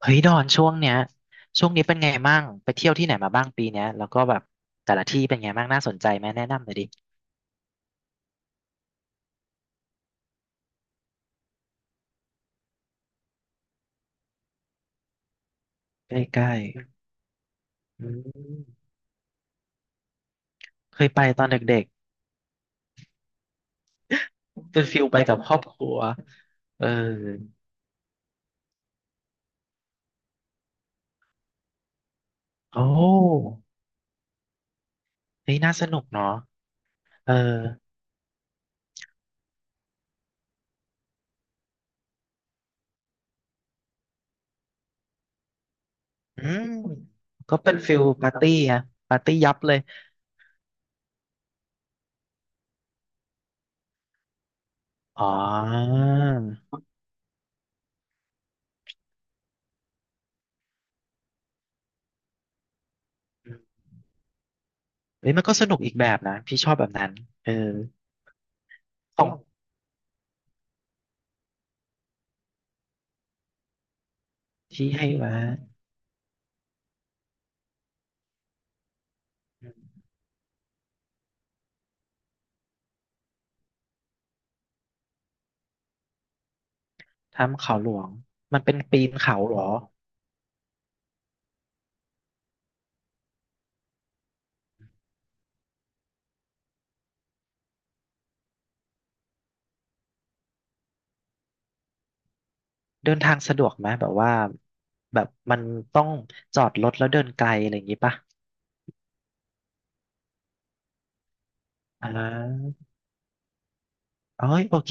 เฮ้ยดอนช่วงเนี้ยช่วงนี้เป็นไงบ้างไปเที่ยวที่ไหนมาบ้างปีเนี้ยแล้วก็แบบแต่ละที่เป็นไงบ้างน่าสนใจไหมแนะนำหน่อยดิใกล้ๆอืมเคยไปตอนเด็กๆเป็นฟิลไปกับครอบครัวเออโอ้เฮ้ยน่าสนุกเนาะเอออืมก็เป็นฟิลปาร์ตี้อะปาร์ตี้ยับเลยอ๋อเฮ้ยมันก็สนุกอีกแบบนะพี่ชอบแบบนั้นเออของที่ให้มาทำเขาหลวงมันเป็นปีนเขาเหรอ เดินทางสะดวกไหมแบบว่าแบบมันต้องจอดรถแล้วเดินไกลอะไรอย่างงี้ป่ะอ่าเอ้ยโอเค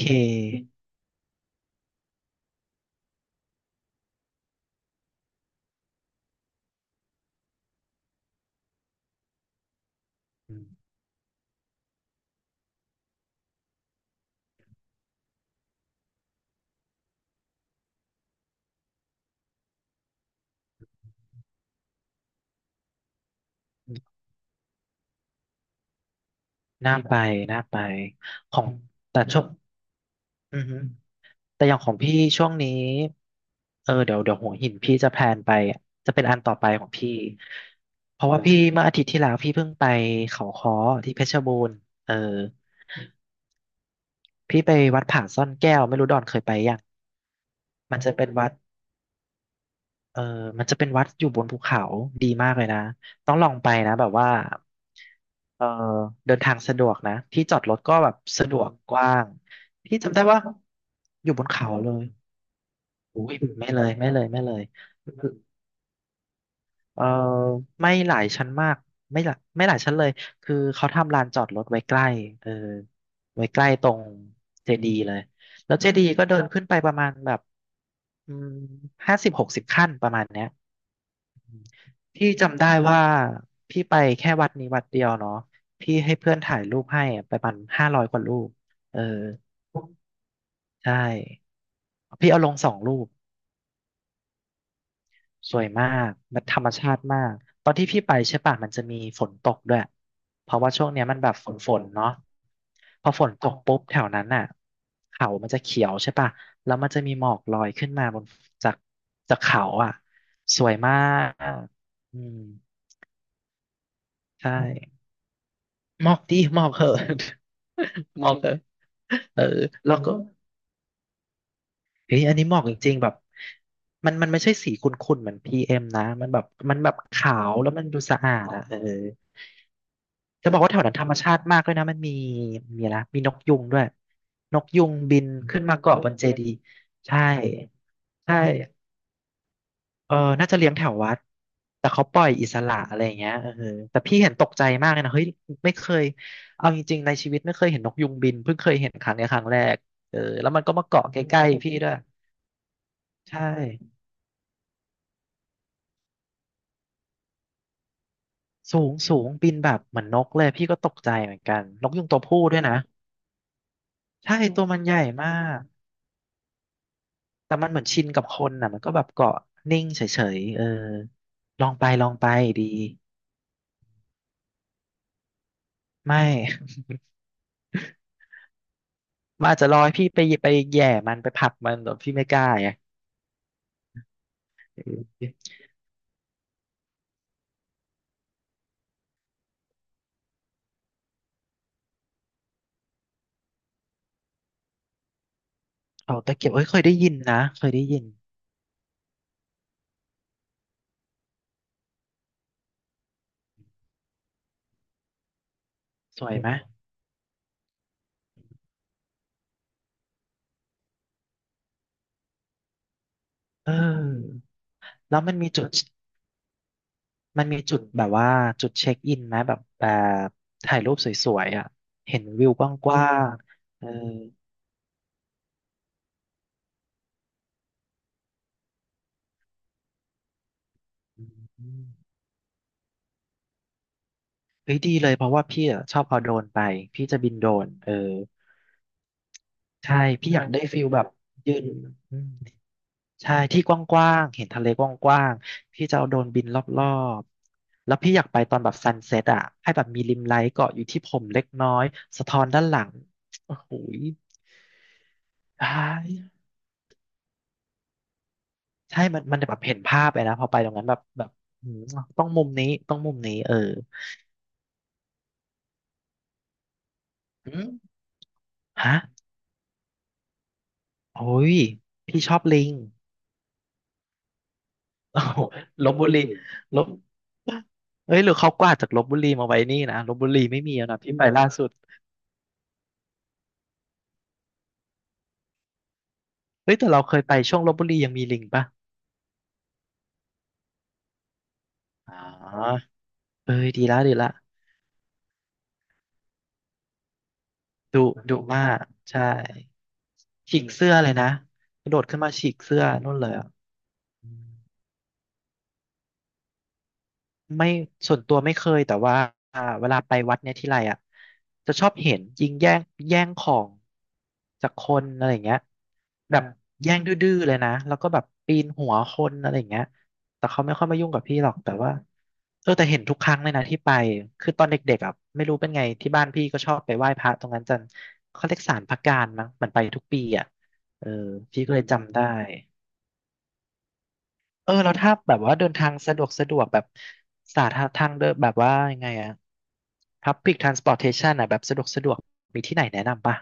อืมน่าไปน่าไปของแต่ช่วงอือฮึแต่อย่างของพี่ช่วงนี้เออเดี๋ยวเดี๋ยวหัวหินพี่จะแพลนไปจะเป็นอันต่อไปของพี่เพราะว่าพี่เมื่ออาทิตย์ที่แล้วพี่เพิ่งไปเขาค้อที่เพชรบูรณ์เออพี่ไปวัดผาซ่อนแก้วไม่รู้ดอนเคยไปยังมันจะเป็นวัด เออมันจะเป็นวัดอยู่บนภูเขาดีมากเลยนะ ต้องลองไปนะแบบว่าเออเดินทางสะดวกนะที่จอดรถก็แบบสะดวกกว้างที่จำได้ว่าอยู่บนเขาเลยอุ้ยไม่เลยไม่เลยไม่เลยคือเออไม่หลายชั้นมากไม่หลายชั้นเลยคือเขาทำลานจอดรถไว้ใกล้เออไว้ใกล้ตรงเจดีย์เลยแล้วเจดีย์ก็เดินขึ้นไปประมาณแบบอืม50 60 ขั้นประมาณเนี้ย พี่จำได้ว่าพี่ไปแค่วัดนี้วัดเดียวเนาะพี่ให้เพื่อนถ่ายรูปให้อะไปประมาณ500 กว่ารูปเออใช่พี่เอาลง2 รูปสวยมากมันธรรมชาติมากตอนที่พี่ไปใช่ป่ะมันจะมีฝนตกด้วยเพราะว่าช่วงเนี้ยมันแบบฝนเนาะพอฝนตกปุ๊บแถวนั้นน่ะเขามันจะเขียวใช่ป่ะแล้วมันจะมีหมอกลอยขึ้นมาบนจากจากเขาอ่ะสวยมากอืมใช่ มอบดิมอบเหอะ มอบเถอะเออแล้วก็เฮ้ยอันนี้มอบจริงๆแบบมันไม่ใช่สีขุ่นๆเหมือนพีเอ็มนะมันแบบมันแบบขาวแล้วมันดูสะอาดอ่ะเออจะบอกว่าแถวนั้นธรรมชาติมากเลยนะมันมีมีนะมีนกยุงด้วยนกยุงบินขึ้นมาเกาะบนเจดีย์ใช่ใช่ เออน่าจะเลี้ยงแถววัดแต่เขาปล่อยอิสระอะไรอย่างเงี้ยเออแต่พี่เห็นตกใจมากเลยนะเฮ้ยไม่เคยเอาจริงๆในชีวิตไม่เคยเห็นนกยุงบินเพิ่งเคยเห็นครั้งเนี้ยครั้งแรกเออแล้วมันก็มาเกาะใกล้ๆพี่ด้วยใช่สูงสูงบินแบบเหมือนนกเลยพี่ก็ตกใจเหมือนกันนกยุงตัวผู้ด้วยนะใช่ตัวมันใหญ่มากแต่มันเหมือนชินกับคนน่ะมันก็แบบเกาะนิ่งเฉยๆเออลองไปลองไปดีไม่ มันอาจจะรอให้พี่ไปแหย่มันผลักมันแต่พี่ไม่กล้าไง เขาตะเกียบเอ้ยเคยได้ยินนะเคยได้ยินสวยไหมมเออแล้วมันมีจุดแบบว่าจุดเช็คอินไหมแบบบถ่ายรูปสวยๆอ่ะเห็นวิวกว้างๆเอออืมเฮ้ยดีเลยเพราะว่าพี่อะชอบเอาโดรนไปพี่จะบินโดรนเออใช่พี่อยากได้ฟิลแบบยืน ใช่ที่กว้างๆ เห็นทะเลกว้างๆ พี่จะเอาโดรนบินรอบๆ แล้วพี่อยากไปตอนแบบซันเซ็ตอ่ะ ให้แบบมีริมไลท์เกาะอยู่ที่ผมเล็กน้อยสะท้อนด้านหลังโอ้โหยตายใช่มันแบบเห็นภาพเลยนะพอไปตรงนั้นแบบอืมต้องมุมนี้เอออืมฮะโอ้ย พี่ชอบลิงโอ้โหลพบุรีลพเอ้ยหรือเขากวาดจากลพบุรีมาไว้นี่นะลพบุรีไม่มีแล้วนะพี่ไปล่าสุดเฮ้ยแต่เราเคยไปช่วงลพบุรียังมีลิงปะ อ๋อเอ้ยดีละดีละดุดุมากใช่ฉีกเสื้อเลยนะกระโดดขึ้นมาฉีกเสื้อนู่นเลยอ่ะอืม ไม่ส่วนตัวไม่เคยแต่ว่าอ่าเวลาไปวัดเนี่ยทีไรอ่ะจะชอบเห็นยิงแย่งของจากคนอะไรอย่างเงี้ยแบอบแย่งดื้อๆเลยนะแล้วก็แบบปีนหัวคนอะไรอย่างเงี้ยแต่เขาไม่ค่อยมายุ่งกับพี่หรอกแต่ว่าเออแต่เห็นทุกครั้งเลยนะที่ไปคือตอนเด็กๆอ่ะไม่รู้เป็นไงที่บ้านพี่ก็ชอบไปไหว้พระตรงนั้นจันเขาเรียกศาลพระการมั้งมันไปทุกปีอ่ะเออพี่ก็เลยจำได้ เออแล้วถ้าแบบว่าเดินทางสะดวกสะดวกแบบสาธารทางเดินแบบว่ายังไงอะ Public Transportation อะแบบสะดวกสะดวกมีที่ไหนแนะนำป่ะ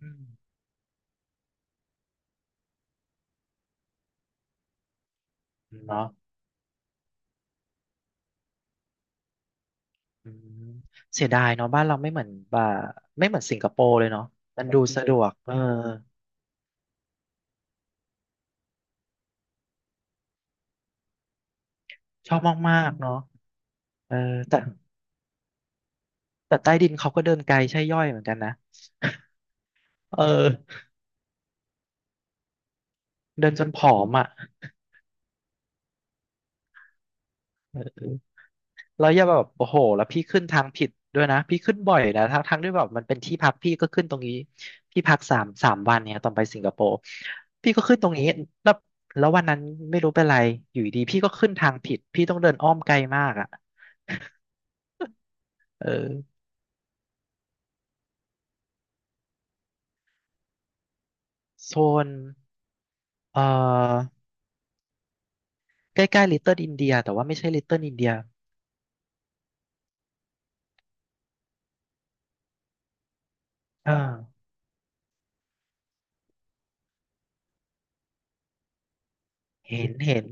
อืมเนาะอืมเสียดายเนาะบ้านเราไม่เหมือนบ่าไม่เหมือนสิงคโปร์เลยเนาะมันดูสะดวกเออชอบมากๆเนาะเออแต่แต่ใต้ดินเขาก็เดินไกลใช่ย่อยเหมือนกันนะเออเดินจนผอมอ่ะเออ แล้วอย่าแบบโอ้โหแล้วพี่ขึ้นทางผิดด้วยนะพี่ขึ้นบ่อยนะทั้งทั้งที่แบบมันเป็นที่พักพี่ก็ขึ้นตรงนี้พี่พักสามสามวันเนี่ยตอนไปสิงคโปร์พี่ก็ขึ้นตรงนี้แล้วแล้ววันนั้นไม่รู้เป็นไรอยู่ดีพี่ก็ขึ้นทางผิดพี่ต้องเดินอ้อมไกลมากอ่ะเออโซนเอ่อใกล้ๆลิตเติ้ลอินเดียแต่ว่าไม่ใช่ลิตเติ้ลอินเดียเออเห็นเห็น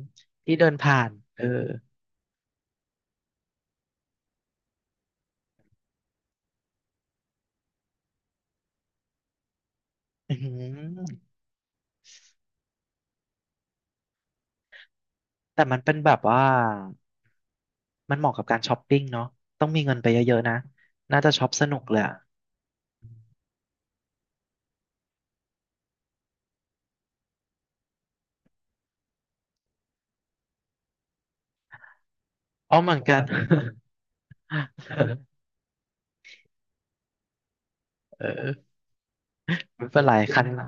ที่เดินผ่านเอออือหือแต่มันเป็นแบบว่า มันเหมาะกับการช้อปปิ้งเนาะต้องมีเงินไปเยอะๆนะน่าจะช็อปสนุกเลยอะอ๋อเหมือนกัน เออไม่เป็นไรครั้งหน้า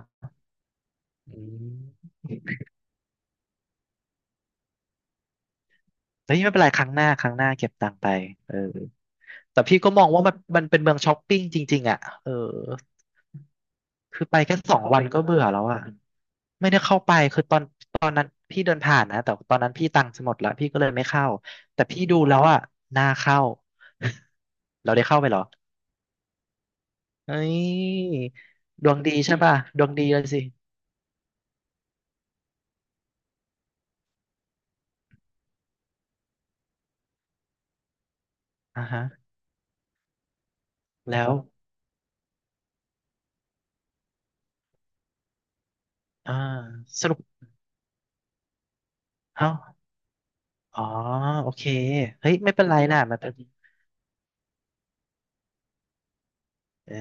อืมเฮ้ยไม่เป็นไรครั้งหน้าครั้งหน้าเก็บตังค์ไปเออแต่พี่ก็มองว่ามันมันเป็นเมืองช้อปปิ้งจริงๆอ่ะเออคือไปแค่สองวันก็เบื่อแล้วอ่ะไม่ได้เข้าไปคือตอนตอนนั้นพี่เดินผ่านนะแต่ตอนนั้นพี่ตังค์จะหมดแล้วพี่ก็เลยไม่เข้าแต่พี่ดูแล้วอ่ะน่าเข้า เราได้เข้าไปเหรอ เฮ้ยดวงดีใช่ป่ะดวงดีเลยสิอ่าฮะแล้วอ่าสรุปเอ้าอ๋อโอเคเฮ้ยไม่เป็นไรน่ะมันเป็นเออ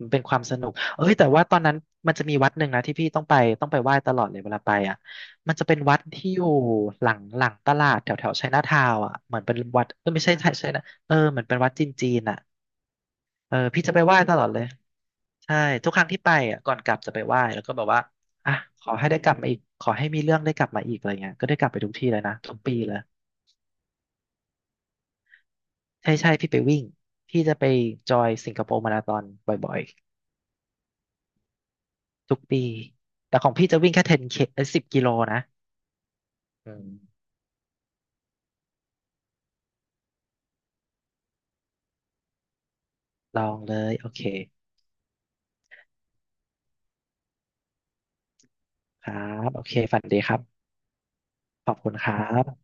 มันเป็นความสนุกเอ้ยแต่ว่าตอนนั้นมันจะมีวัดหนึ่งนะที่พี่ต้องไปต้องไปไหว้ตลอดเลยเวลาไปอ่ะมันจะเป็นวัดที่อยู่หลังหลังตลาดแถวแถวไชน่าทาวน์อ่ะเหมือนเป็นวัดเออไม่ใช่ไชน่าเออเหมือนเป็นวัดจีนจีนอ่ะเออพี่จะไปไหว้ตลอดเลย ใช่ทุกครั้งที่ไปอ่ะก่อนกลับจะไปไหว้แล้วก็แบบว่าอ่ะขอให้ได้กลับมาอีกขอให้มีเรื่องได้กลับมาอีกอะไรเงี้ยก็ได้กลับไปทุกที่เลยนะทุกปีเลยใช่ใช่พี่ไปวิ่งพี่จะไปจอยสิงคโปร์มาราธอนบ่อยๆทุกปีแต่ของพี่จะวิ่งแค่ 10K เคเอ้ย10 กิโลนะอืมลองเลยโอเคครับโอเคฝันดีครับขอบคุณครับ